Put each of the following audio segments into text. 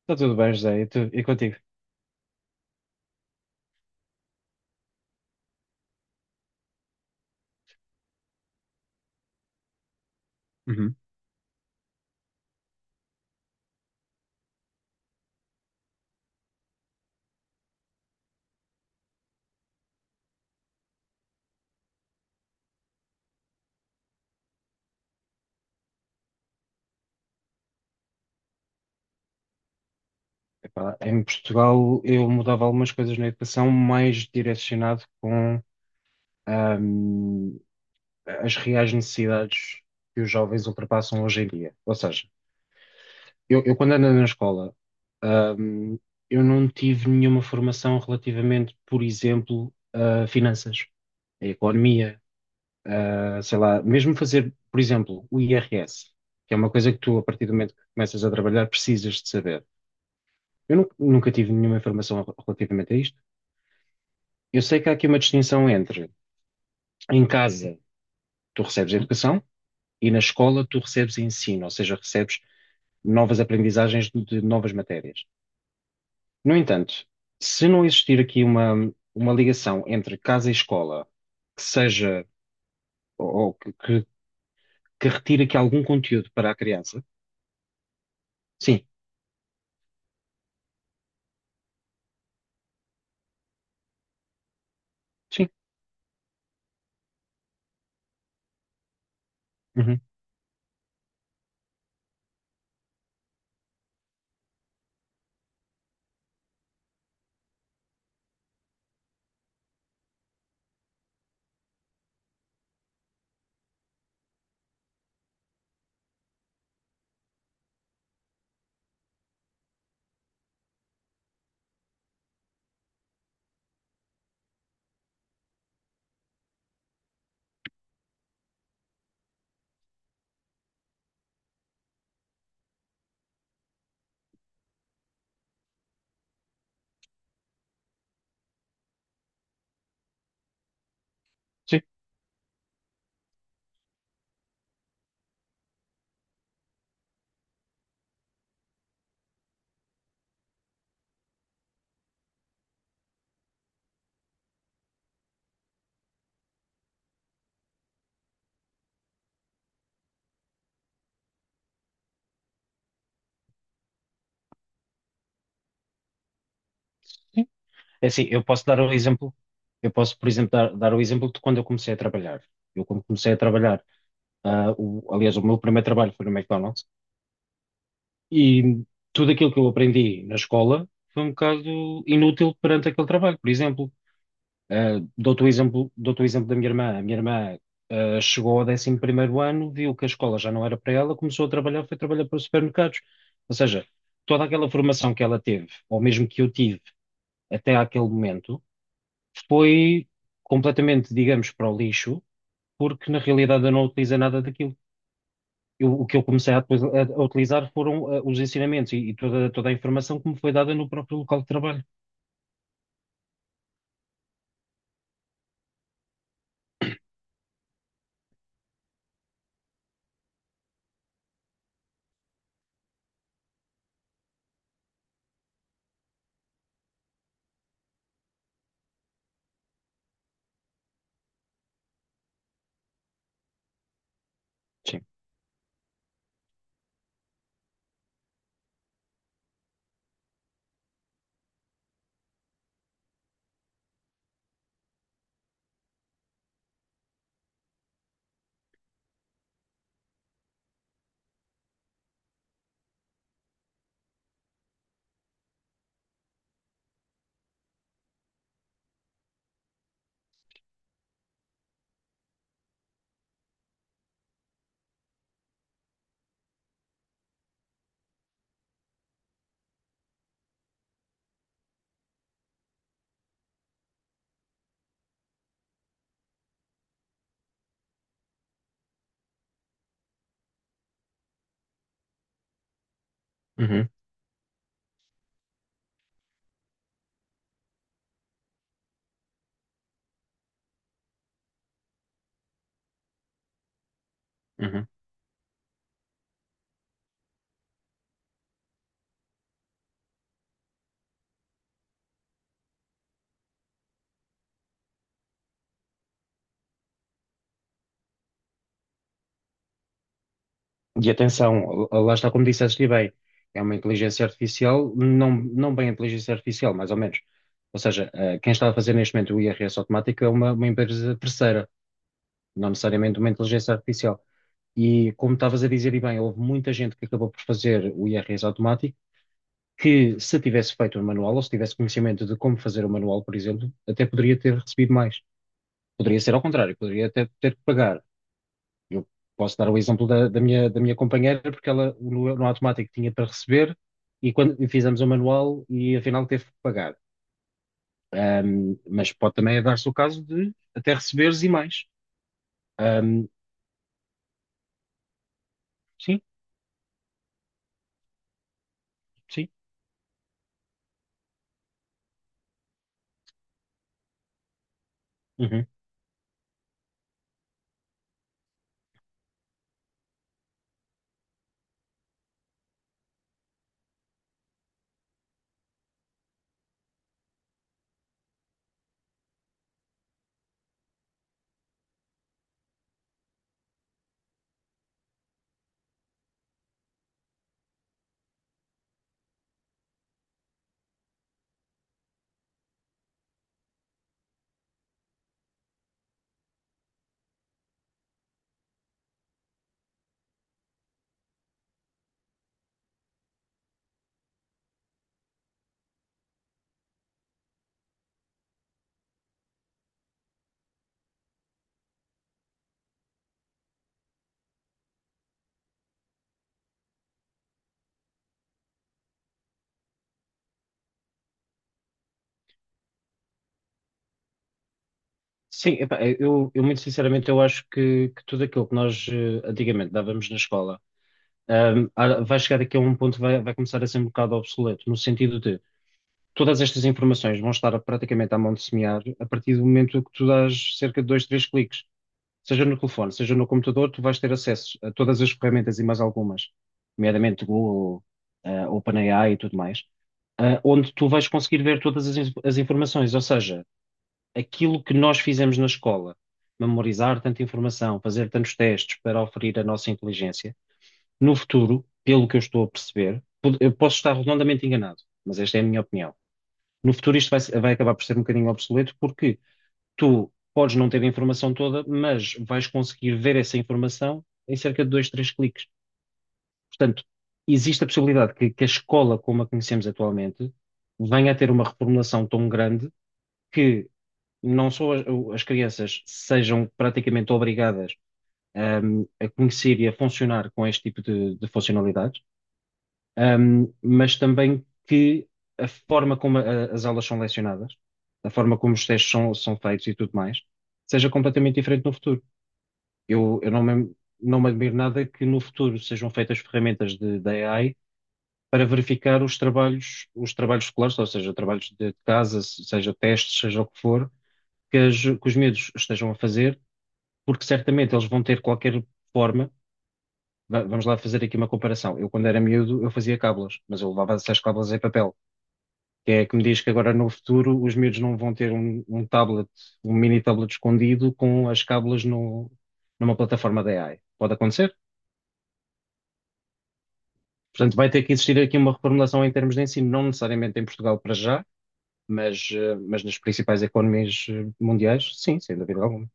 Está tudo bem, José, e contigo? Uhum. Epá, em Portugal eu mudava algumas coisas na educação mais direcionado com ahm, as reais necessidades que os jovens ultrapassam hoje em dia. Ou seja, eu quando andei na escola, ahm, eu não tive nenhuma formação relativamente, por exemplo, a finanças, a economia, sei lá, mesmo fazer, por exemplo, o IRS, que é uma coisa que tu, a partir do momento que começas a trabalhar, precisas de saber. Eu nunca tive nenhuma informação relativamente a isto. Eu sei que há aqui uma distinção entre em casa tu recebes educação e na escola tu recebes ensino, ou seja, recebes novas aprendizagens de novas matérias. No entanto, se não existir aqui uma ligação entre casa e escola que seja ou que retire aqui algum conteúdo para a criança. Sim, sim, uhum, sim, sim. É assim, eu posso dar o exemplo, eu posso, por exemplo, dar o exemplo de quando eu comecei a trabalhar. Eu, quando comecei a trabalhar, ah, aliás, o meu primeiro trabalho foi no McDonald's e tudo aquilo que eu aprendi na escola foi um bocado inútil perante aquele trabalho. Por exemplo, ah, dou-te o exemplo da minha irmã. A minha irmã, ah, chegou ao décimo primeiro ano, viu que a escola já não era para ela, começou a trabalhar, foi trabalhar para os supermercados. Ou seja, toda aquela formação que ela teve, ou mesmo que eu tive até àquele momento, foi completamente, digamos, para o lixo, porque na realidade eu não utilizei nada daquilo. O que eu comecei a, depois a utilizar foram os ensinamentos e toda a informação que me foi dada no próprio local de trabalho. Sim. Uhum, uhum. E atenção, lá está, como disseste e bem, é uma inteligência artificial, não, não bem inteligência artificial, mais ou menos. Ou seja, quem está a fazer neste momento o IRS automático é uma empresa terceira, não necessariamente uma inteligência artificial. E como estavas a dizer, e bem, houve muita gente que acabou por fazer o IRS automático que, se tivesse feito o manual ou se tivesse conhecimento de como fazer o manual, por exemplo, até poderia ter recebido mais. Poderia ser ao contrário, poderia até ter que pagar. Eu posso dar o exemplo da, da minha companheira, porque ela no, no automático tinha para receber e quando e fizemos o manual e afinal teve que pagar. Mas pode também dar-se o caso de até receberes e mais. Ahm, sim, sim. Uhum. Sim, epá, eu muito sinceramente eu acho que tudo aquilo que nós antigamente dávamos na escola vai chegar aqui a um ponto que vai começar a ser um bocado obsoleto, no sentido de todas estas informações vão estar praticamente à mão de semear a partir do momento que tu dás cerca de dois, três cliques, seja no telefone, seja no computador. Tu vais ter acesso a todas as ferramentas e mais algumas, nomeadamente Google, OpenAI e tudo mais, onde tu vais conseguir ver todas as informações. Ou seja, aquilo que nós fizemos na escola, memorizar tanta informação, fazer tantos testes para oferir a nossa inteligência no futuro, pelo que eu estou a perceber, eu posso estar redondamente enganado, mas esta é a minha opinião. No futuro, isto vai, se- vai acabar por ser um bocadinho obsoleto, porque tu podes não ter a informação toda, mas vais conseguir ver essa informação em cerca de dois, três cliques. Portanto, existe a possibilidade que a escola, como a conhecemos atualmente, venha a ter uma reformulação tão grande que não só as crianças sejam praticamente obrigadas, a conhecer e a funcionar com este tipo de funcionalidades, mas também que a forma como as aulas são lecionadas, a forma como os testes são feitos e tudo mais, seja completamente diferente no futuro. Eu não me admiro nada que no futuro sejam feitas ferramentas de, da AI para verificar os trabalhos escolares, ou seja, trabalhos de casa, seja testes, seja o que for, que os miúdos estejam a fazer, porque certamente eles vão ter qualquer forma. Vamos lá fazer aqui uma comparação. Eu, quando era miúdo, eu fazia cábulas, mas eu levava essas cábulas em papel. Quem é que me diz que agora no futuro os miúdos não vão ter um tablet, um mini tablet escondido com as cábulas no, numa plataforma da AI? Pode acontecer. Portanto, vai ter que existir aqui uma reformulação em termos de ensino, não necessariamente em Portugal para já, mas, mas nas principais economias mundiais, sim, sem dúvida alguma.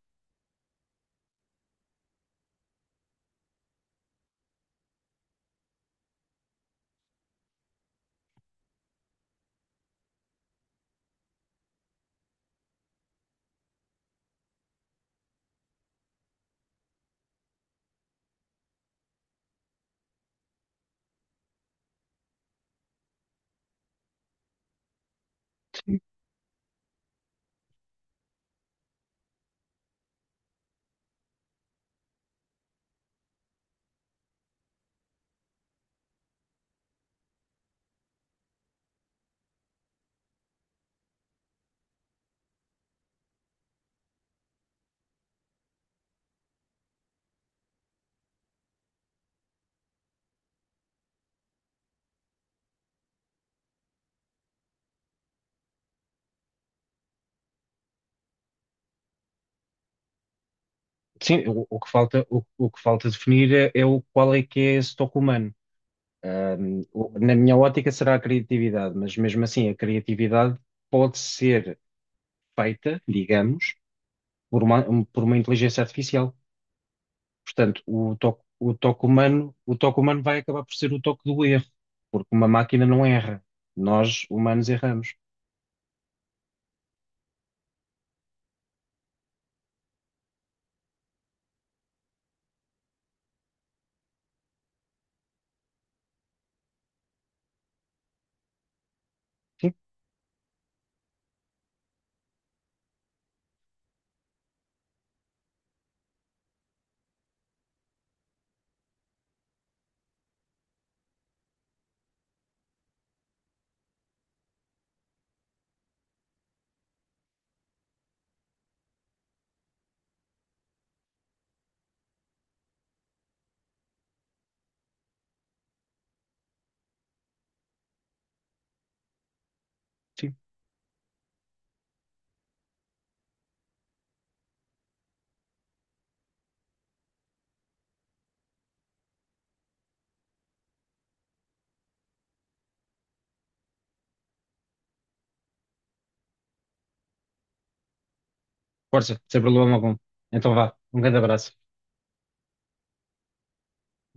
Sim, o que falta, o que falta definir é o qual é que é esse toque humano. Na minha ótica será a criatividade, mas mesmo assim a criatividade pode ser feita, digamos, por uma inteligência artificial. Portanto, o toque humano vai acabar por ser o toque do erro, porque uma máquina não erra. Nós, humanos, erramos. Sim, sim. Força, sem problema algum. Então vá, um grande abraço.